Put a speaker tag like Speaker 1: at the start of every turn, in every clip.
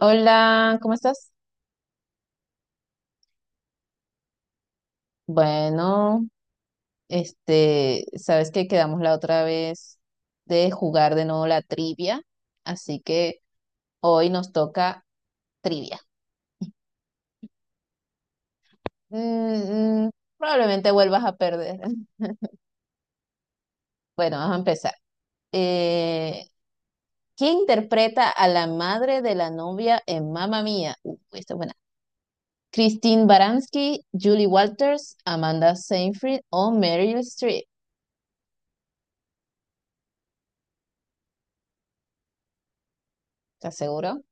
Speaker 1: Hola, ¿cómo estás? Bueno, este, sabes que quedamos la otra vez de jugar de nuevo la trivia, así que hoy nos toca trivia. Mm, mm, probablemente vuelvas a perder. Bueno, vamos a empezar. Eh, ¿Quién interpreta a la madre de la novia en Mamma Mía? Esta es buena. ¿Christine Baranski, Julie Walters, Amanda Seyfried o Meryl Streep? ¿Estás seguro?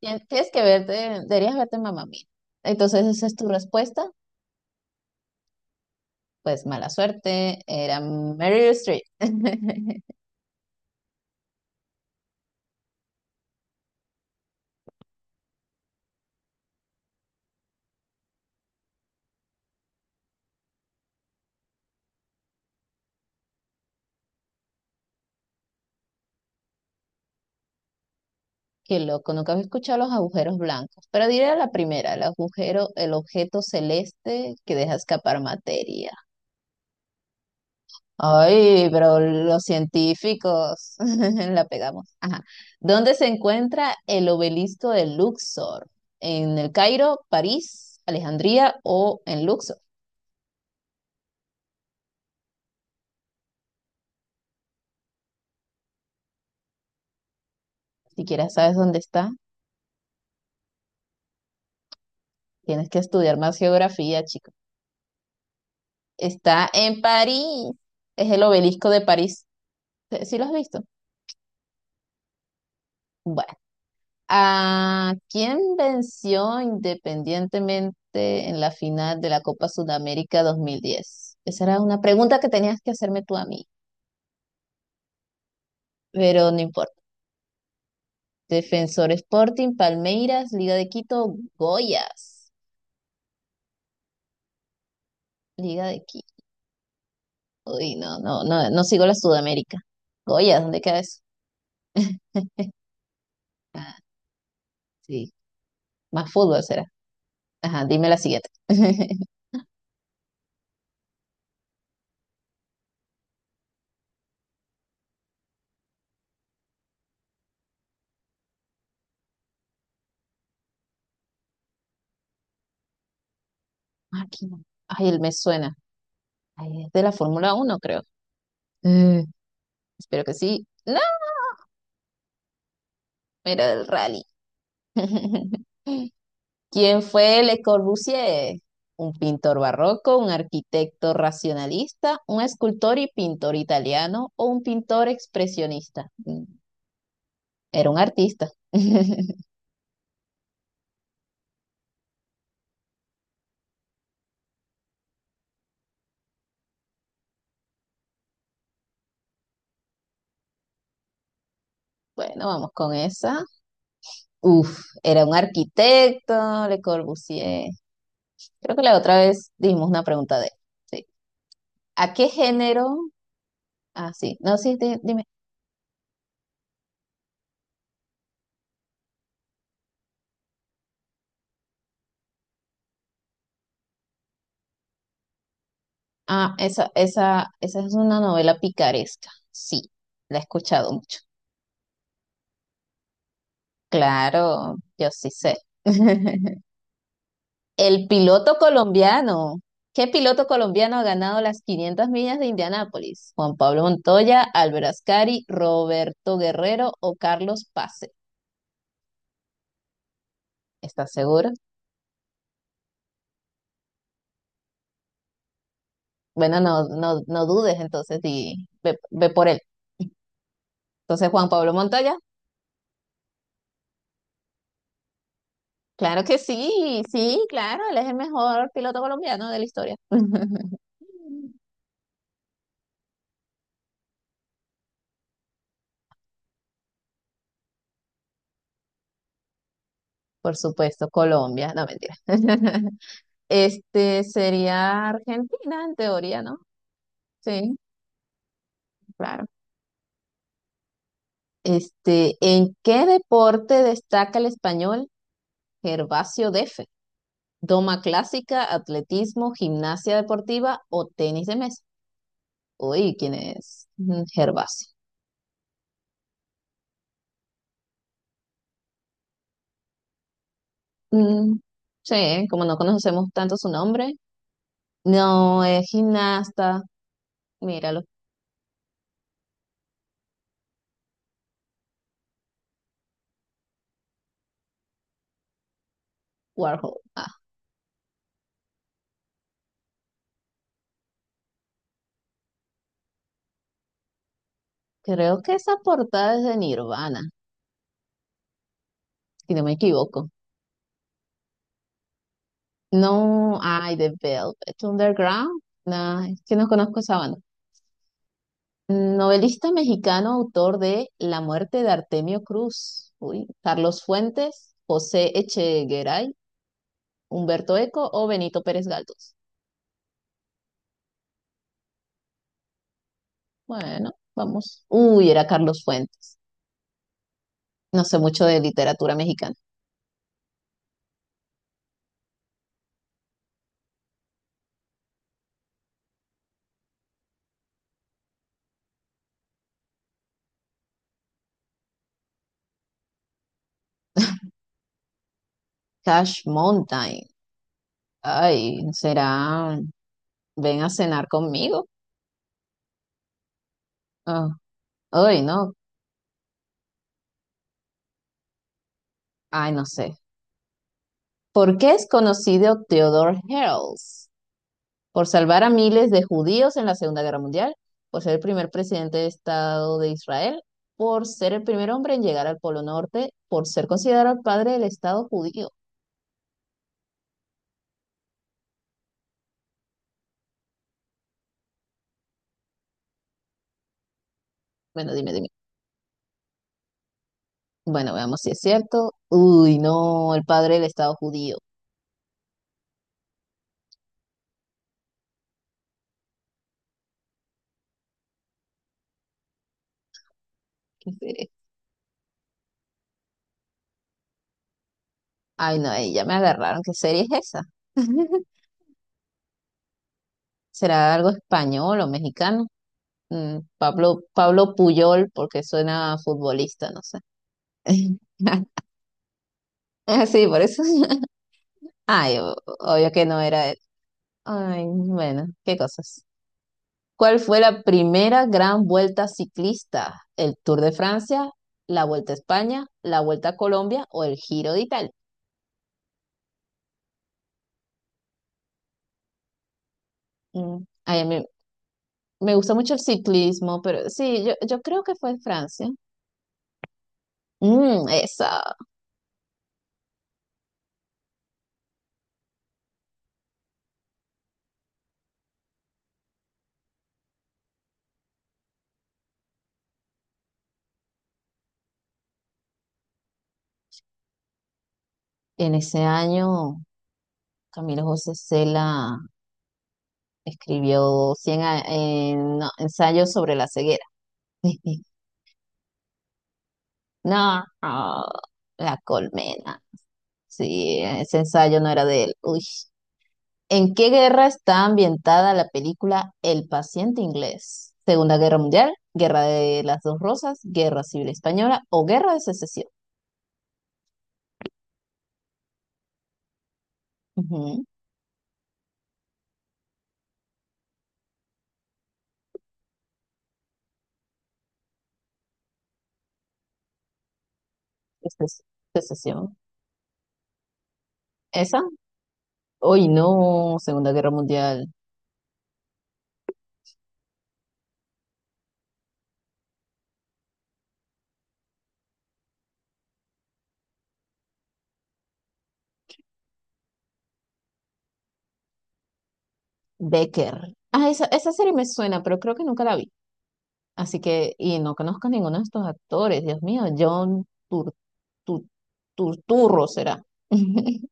Speaker 1: Tienes que verte, deberías verte Mamma Mía. Entonces, esa es tu respuesta. Pues mala suerte, era Meryl Streep. Qué loco, nunca había escuchado los agujeros blancos. Pero diré la primera, el agujero, el objeto celeste que deja escapar materia. Ay, pero los científicos la pegamos. Ajá. ¿Dónde se encuentra el obelisco de Luxor? ¿En el Cairo, París, Alejandría o en Luxor? Si quieres, sabes dónde está. Tienes que estudiar más geografía, chico. Está en París. Es el obelisco de París. ¿Sí sí lo has visto? Bueno, ¿a quién venció independientemente en la final de la Copa Sudamérica 2010? Esa era una pregunta que tenías que hacerme tú a mí, pero no importa. Defensor Sporting, Palmeiras, Liga de Quito, Goyas. Liga de Quito. Uy, no, no, no, no sigo la Sudamérica. Goyas, ¿dónde queda eso? Ah, sí, más fútbol será. Ajá, dime la siguiente. Máquina. Ay, él me suena. Ay, es de la Fórmula Uno, creo. Eh, Espero que sí. No, era del rally. ¿Quién fue Le Corbusier? Un pintor barroco, un arquitecto racionalista, un escultor y pintor italiano o un pintor expresionista. Era un artista. Bueno, vamos con esa. Uf, era un arquitecto, Le Corbusier. Creo que la otra vez dimos una pregunta de él. Sí. ¿A qué género? Ah, sí. No, sí, dime. Ah, esa es una novela picaresca. Sí, la he escuchado mucho. Claro, yo sí sé. El piloto colombiano. ¿Qué piloto colombiano ha ganado las 500 millas de Indianápolis? Juan Pablo Montoya, Álvaro Ascari, Roberto Guerrero o Carlos Pase. ¿Estás seguro? Bueno, no, no, no dudes entonces y ve, ve por él. Entonces, Juan Pablo Montoya. Claro que sí, sí, claro, él es el mejor piloto colombiano de la historia. Por supuesto, Colombia, no mentira. Este sería Argentina, en teoría, ¿no? Sí, claro. Este, ¿en qué deporte destaca el español Gervasio Defe? ¿Doma clásica, atletismo, gimnasia deportiva o tenis de mesa? Uy, ¿quién es Gervasio? Mm, sí, como no conocemos tanto su nombre, no, es gimnasta. Míralo. Warhol. Ah, creo que esa portada es de Nirvana, si no me equivoco. No, ay, de Velvet Underground. No, es que no conozco esa banda. Novelista mexicano, autor de La muerte de Artemio Cruz. Uy, Carlos Fuentes, José Echegaray, Humberto Eco o Benito Pérez Galdós. Bueno, vamos. Uy, era Carlos Fuentes. No sé mucho de literatura mexicana. Cash Mountain. Ay, será ven a cenar conmigo. Ah, ay, no, ay, no sé. ¿Por qué es conocido Theodore Herzl? ¿Por salvar a miles de judíos en la Segunda Guerra Mundial? ¿Por ser el primer presidente de Estado de Israel? ¿Por ser el primer hombre en llegar al Polo Norte? ¿Por ser considerado el padre del Estado judío? Bueno, dime, dime. Bueno, veamos si es cierto. Uy, no, el padre del Estado judío. Qué pereza. Ay, no, ahí ya me agarraron. ¿Qué serie es esa? ¿Será algo español o mexicano? Pablo, Pablo Puyol, porque suena a futbolista, no sé. Ah, sí, por eso. Ay, obvio que no era él. Ay, bueno, qué cosas. ¿Cuál fue la primera gran vuelta ciclista? ¿El Tour de Francia, la Vuelta a España, la Vuelta a Colombia o el Giro de Italia? Ay, a mí me gusta mucho el ciclismo, pero sí, yo creo que fue en Francia. Mm, esa. En ese año, Camilo José Cela. Escribió no, ensayos sobre la ceguera. No, ah, la colmena. Sí, ese ensayo no era de él. Uy. ¿En qué guerra está ambientada la película El paciente inglés? ¿Segunda Guerra Mundial, Guerra de las Dos Rosas, Guerra Civil Española o Guerra de Secesión? Ujú, seces- secesión. ¿Esa? Uy, no, Segunda Guerra Mundial. Becker. Ah, esa serie me suena, pero creo que nunca la vi. Así que, y no conozco ninguno de estos actores, Dios mío, John Tu- Turturro será.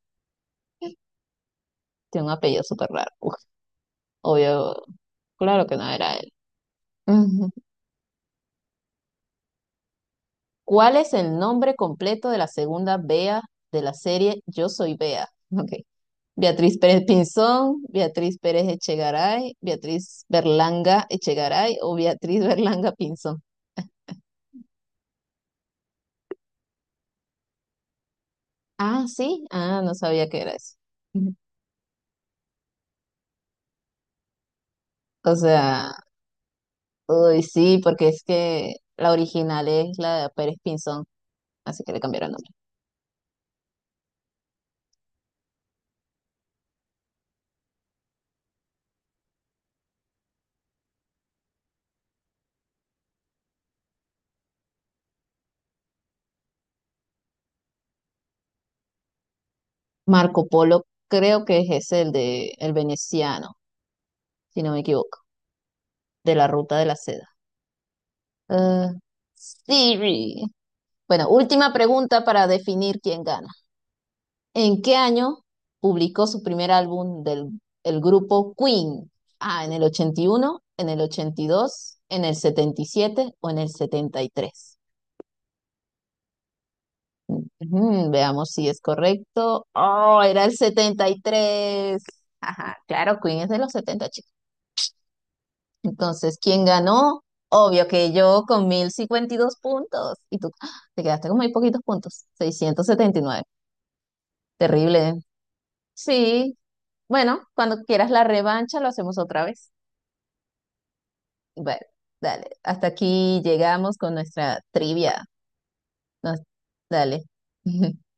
Speaker 1: Tiene un apellido súper raro. Uf, obvio, claro que no era él. Ujú. ¿Cuál es el nombre completo de la segunda Bea de la serie Yo Soy Bea? Ok. Beatriz Pérez Pinzón, Beatriz Pérez Echegaray, Beatriz Berlanga Echegaray o Beatriz Berlanga Pinzón. Ah, sí, ah, no sabía que era eso. O sea. Uy, sí, porque es que la original es la de Pérez Pinzón, así que le cambiaron el nombre. Marco Polo creo que es ese, el de el veneciano, si no me equivoco, de la ruta de la seda. Ah, Siri. Bueno, última pregunta para definir quién gana. ¿En qué año publicó su primer álbum del el grupo Queen? Ah, ¿en el 81, en el 82, en el 77 o en el 73? Ujú, veamos si es correcto. Oh, era el 73. Ajá, claro, Queen es de los setenta, chicos. Entonces, ¿quién ganó? Obvio que yo, con 1.052 puntos. Y tú, ¡ah!, te quedaste con muy poquitos puntos, 679. Terrible, ¿eh? Sí, bueno, cuando quieras la revancha lo hacemos otra vez. Bueno, dale. Hasta aquí llegamos con nuestra trivia. Nos- dale.